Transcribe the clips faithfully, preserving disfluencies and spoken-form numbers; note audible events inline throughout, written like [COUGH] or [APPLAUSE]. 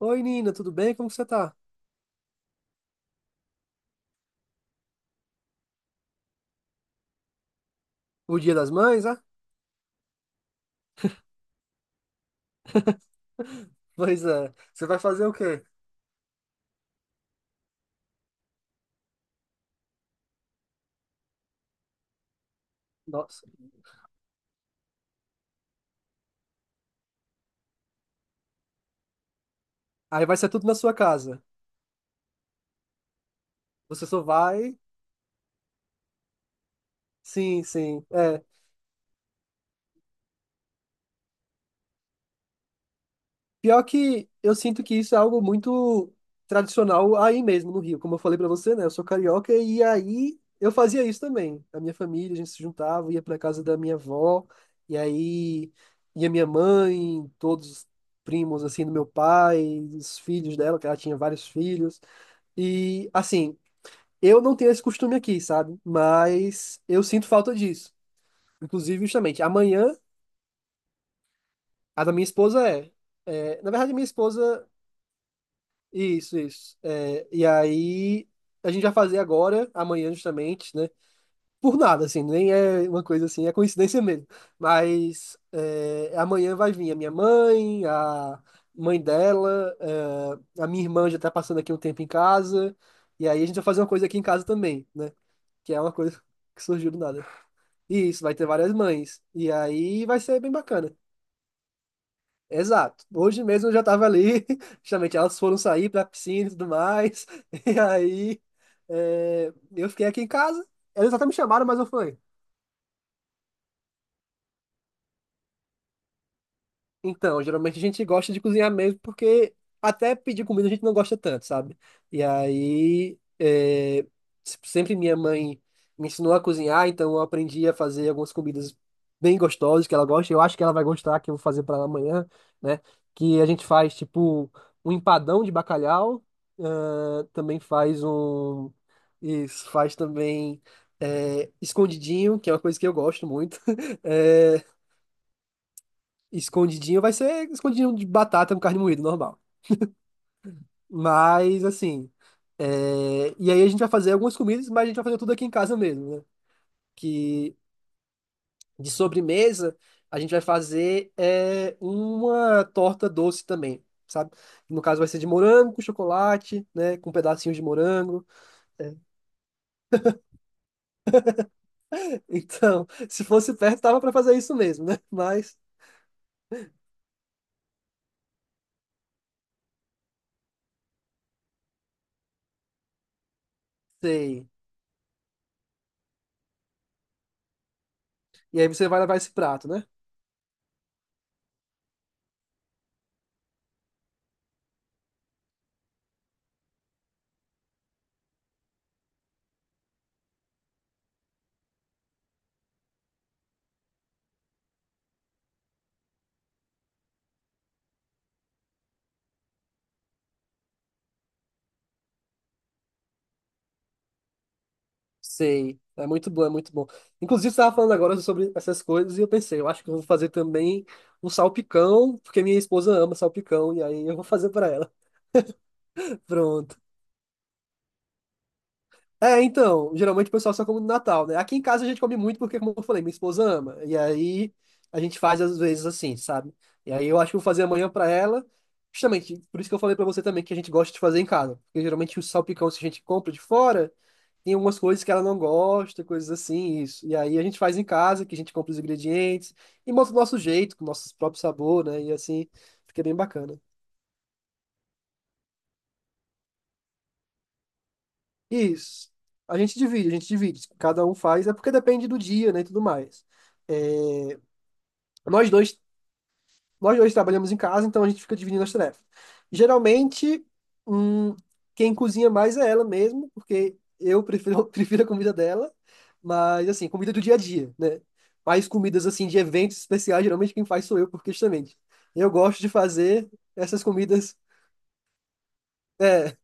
Oi, Nina, tudo bem? Como que você tá? O Dia das Mães, ah? [LAUGHS] Pois é. Você vai fazer o quê? Nossa. Aí vai ser tudo na sua casa. Você só vai. Sim, sim. É. Pior que eu sinto que isso é algo muito tradicional aí mesmo no Rio. Como eu falei pra você, né? Eu sou carioca e aí eu fazia isso também. A minha família, a gente se juntava, ia pra casa da minha avó, e aí ia minha mãe, todos os primos assim do meu pai, os filhos dela, que ela tinha vários filhos. E assim, eu não tenho esse costume aqui, sabe? Mas eu sinto falta disso. Inclusive, justamente, amanhã, a da minha esposa é. É, na verdade, a minha esposa. Isso, isso. É, e aí, a gente vai fazer agora, amanhã, justamente, né? Por nada, assim, nem é uma coisa assim, é coincidência mesmo. Mas é, amanhã vai vir a minha mãe, a mãe dela, é, a minha irmã já tá passando aqui um tempo em casa. E aí, a gente vai fazer uma coisa aqui em casa também, né? Que é uma coisa [LAUGHS] que surgiu do nada. E isso, vai ter várias mães. E aí vai ser bem bacana. Exato. Hoje mesmo eu já tava ali, [LAUGHS] justamente elas foram sair pra piscina e tudo mais. [LAUGHS] E aí é, eu fiquei aqui em casa. Elas até me chamaram, mas eu falei, então, geralmente a gente gosta de cozinhar mesmo, porque até pedir comida a gente não gosta tanto, sabe? E aí, é, se- sempre minha mãe me ensinou a cozinhar, então eu aprendi a fazer algumas comidas bem gostosas que ela gosta. Eu acho que ela vai gostar, que eu vou fazer para ela amanhã, né? Que a gente faz, tipo, um empadão de bacalhau, ah, também faz um. Isso, faz também. É, escondidinho, que é uma coisa que eu gosto muito. [LAUGHS] É, escondidinho vai ser escondidinho de batata com carne moída, normal. Mas, assim. é, E aí a gente vai fazer algumas comidas, mas a gente vai fazer tudo aqui em casa mesmo, né? Que de sobremesa, a gente vai fazer é, uma torta doce também, sabe? No caso, vai ser de morango com chocolate, né? Com pedacinhos de morango. Então, [LAUGHS] se fosse perto, tava pra fazer isso mesmo, né? Mas, sei. E aí você vai levar esse prato, né? Sei, é muito bom, é muito bom. Inclusive, você estava falando agora sobre essas coisas e eu pensei, eu acho que eu vou fazer também um salpicão, porque minha esposa ama salpicão, e aí eu vou fazer para ela. [LAUGHS] Pronto. É, então, geralmente o pessoal só come no Natal, né? Aqui em casa a gente come muito porque, como eu falei, minha esposa ama. E aí a gente faz às vezes assim, sabe? E aí eu acho que eu vou fazer amanhã para ela. Justamente, por isso que eu falei para você também que a gente gosta de fazer em casa. Porque geralmente o salpicão, se a gente compra de fora, tem algumas coisas que ela não gosta, coisas assim, isso. E aí a gente faz em casa, que a gente compra os ingredientes e monta do nosso jeito, com o nosso próprio sabor, né? E assim, fica bem bacana. Isso. A gente divide, a gente divide. Cada um faz, é porque depende do dia, né, e tudo mais. Nós dois Nós dois trabalhamos em casa, então a gente fica dividindo as tarefas. Geralmente, hum, quem cozinha mais é ela mesmo, porque eu prefiro, [LAUGHS] prefiro a comida dela, mas assim, comida do dia a dia, né? Mais comidas assim de eventos especiais, geralmente quem faz sou eu, porque justamente eu gosto de fazer essas comidas. É,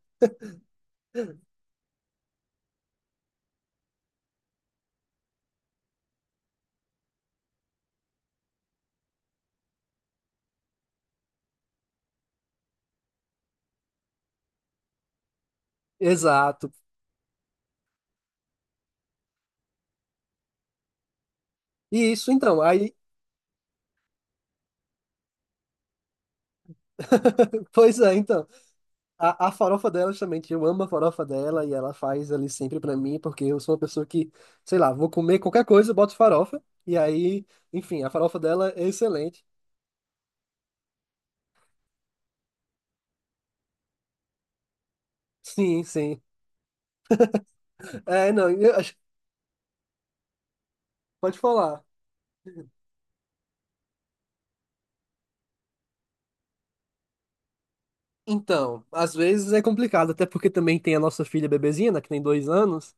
exato. E isso então, aí. [LAUGHS] Pois é, então. A, a farofa dela, justamente, eu amo a farofa dela e ela faz ali sempre pra mim, porque eu sou uma pessoa que, sei lá, vou comer qualquer coisa, eu boto farofa, e aí, enfim, a farofa dela é excelente. [LAUGHS] Sim, sim. É, não, eu acho- pode falar. Então, às vezes é complicado, até porque também tem a nossa filha bebezinha, né, que tem dois anos,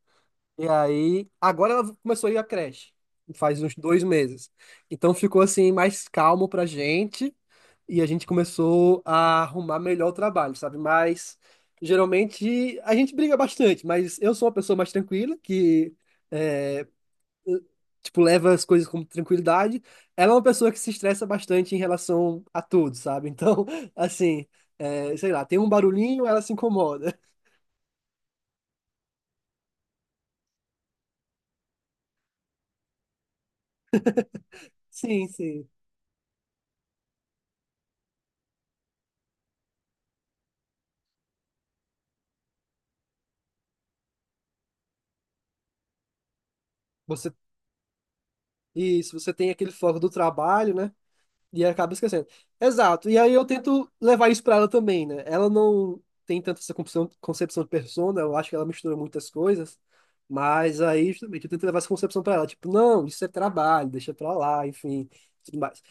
e aí, agora ela começou a ir à creche, faz uns dois meses. Então ficou assim, mais calmo pra gente. E a gente começou a arrumar melhor o trabalho, sabe? Mas geralmente a gente briga bastante, mas eu sou uma pessoa mais tranquila, que é, tipo, leva as coisas com tranquilidade. Ela é uma pessoa que se estressa bastante em relação a tudo, sabe? Então, [LAUGHS] assim, é, sei lá, tem um barulhinho, ela se incomoda. [LAUGHS] Sim, sim. Você, isso, você tem aquele foco do trabalho, né? E acaba esquecendo. Exato. E aí eu tento levar isso pra ela também, né? Ela não tem tanto essa concepção, concepção de persona, eu acho que ela mistura muitas coisas, mas aí justamente eu tento levar essa concepção pra ela, tipo, não, isso é trabalho, deixa pra lá, enfim, tudo mais.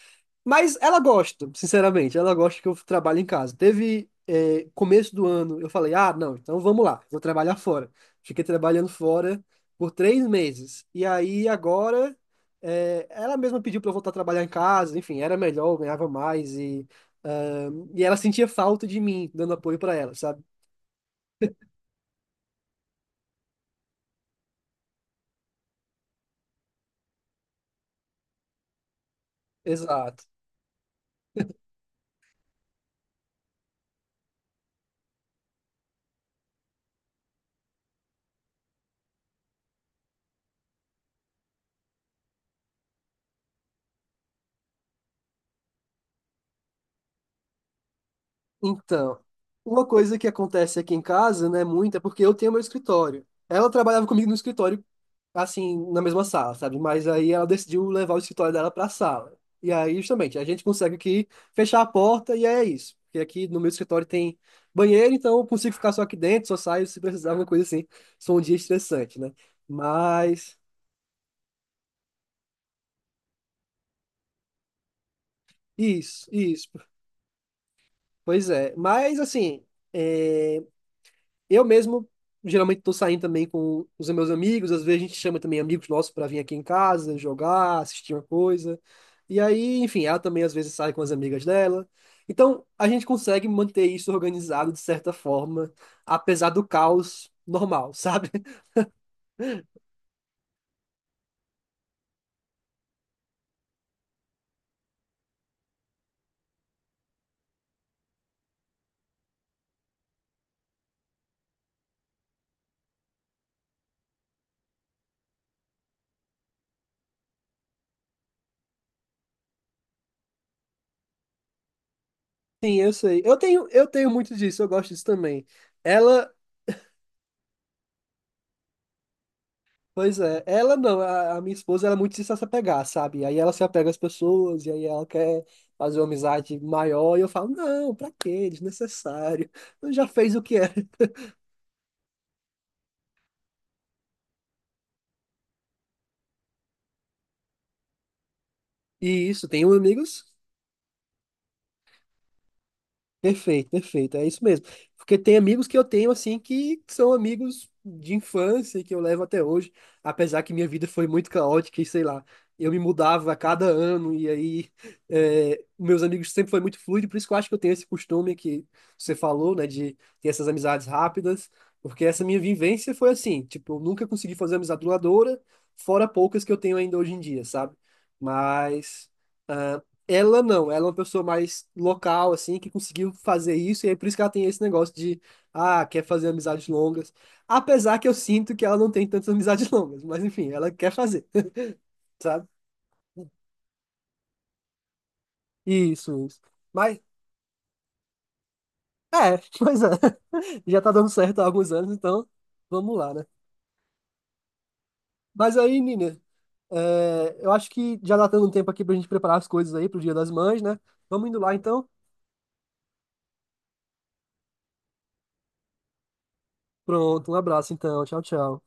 Mas ela gosta, sinceramente, ela gosta que eu trabalho em casa. Teve, é, começo do ano, eu falei, ah, não, então vamos lá, vou trabalhar fora. Fiquei trabalhando fora por três meses. E aí agora, é, ela mesma pediu para eu voltar a trabalhar em casa, enfim, era melhor, eu ganhava mais e, ah, e ela sentia falta de mim, dando apoio para ela, sabe? Exato. Então, uma coisa que acontece aqui em casa, né, muito, é porque eu tenho meu escritório. Ela trabalhava comigo no escritório assim, na mesma sala, sabe? Mas aí ela decidiu levar o escritório dela para a sala. E aí, justamente, a gente consegue aqui fechar a porta e é isso. Porque aqui no meu escritório tem banheiro, então eu consigo ficar só aqui dentro, só saio se precisar, alguma coisa assim. Só um dia estressante, né? Mas, isso, isso, pois é. Mas, assim, é, eu mesmo geralmente estou saindo também com os meus amigos, às vezes a gente chama também amigos nossos para vir aqui em casa, jogar, assistir uma coisa. E aí, enfim, ela também às vezes sai com as amigas dela. Então, a gente consegue manter isso organizado de certa forma, apesar do caos normal, [LAUGHS] sabe? Sim, eu sei. Eu tenho, eu tenho muito disso, eu gosto disso também. Ela Pois é, ela não, a, a minha esposa ela é muito de se apegar, sabe? Aí ela se apega às pessoas, e aí ela quer fazer uma amizade maior, e eu falo, não, pra quê? Desnecessário. Já fez o que era. [LAUGHS] E isso, tenho amigos. Perfeito, perfeito. É isso mesmo. Porque tem amigos que eu tenho, assim, que são amigos de infância, que eu levo até hoje, apesar que minha vida foi muito caótica e sei lá. Eu me mudava a cada ano e aí é, meus amigos sempre foi muito fluido, por isso que eu acho que eu tenho esse costume que você falou, né, de ter essas amizades rápidas, porque essa minha vivência foi assim, tipo, eu nunca consegui fazer amizade duradoura, fora poucas que eu tenho ainda hoje em dia, sabe? Mas ela não, ela é uma pessoa mais local, assim, que conseguiu fazer isso, e é por isso que ela tem esse negócio de, ah, quer fazer amizades longas. Apesar que eu sinto que ela não tem tantas amizades [LAUGHS] longas, mas enfim, ela quer fazer, [LAUGHS] sabe? Isso, isso. Mas, é, [LAUGHS] pois é. Já tá dando certo há alguns anos, então vamos lá, né? Mas aí, Nina, é, eu acho que já tá dando um tempo aqui pra gente preparar as coisas aí pro Dia das Mães, né? Vamos indo lá, então. Pronto, um abraço, então. Tchau, tchau.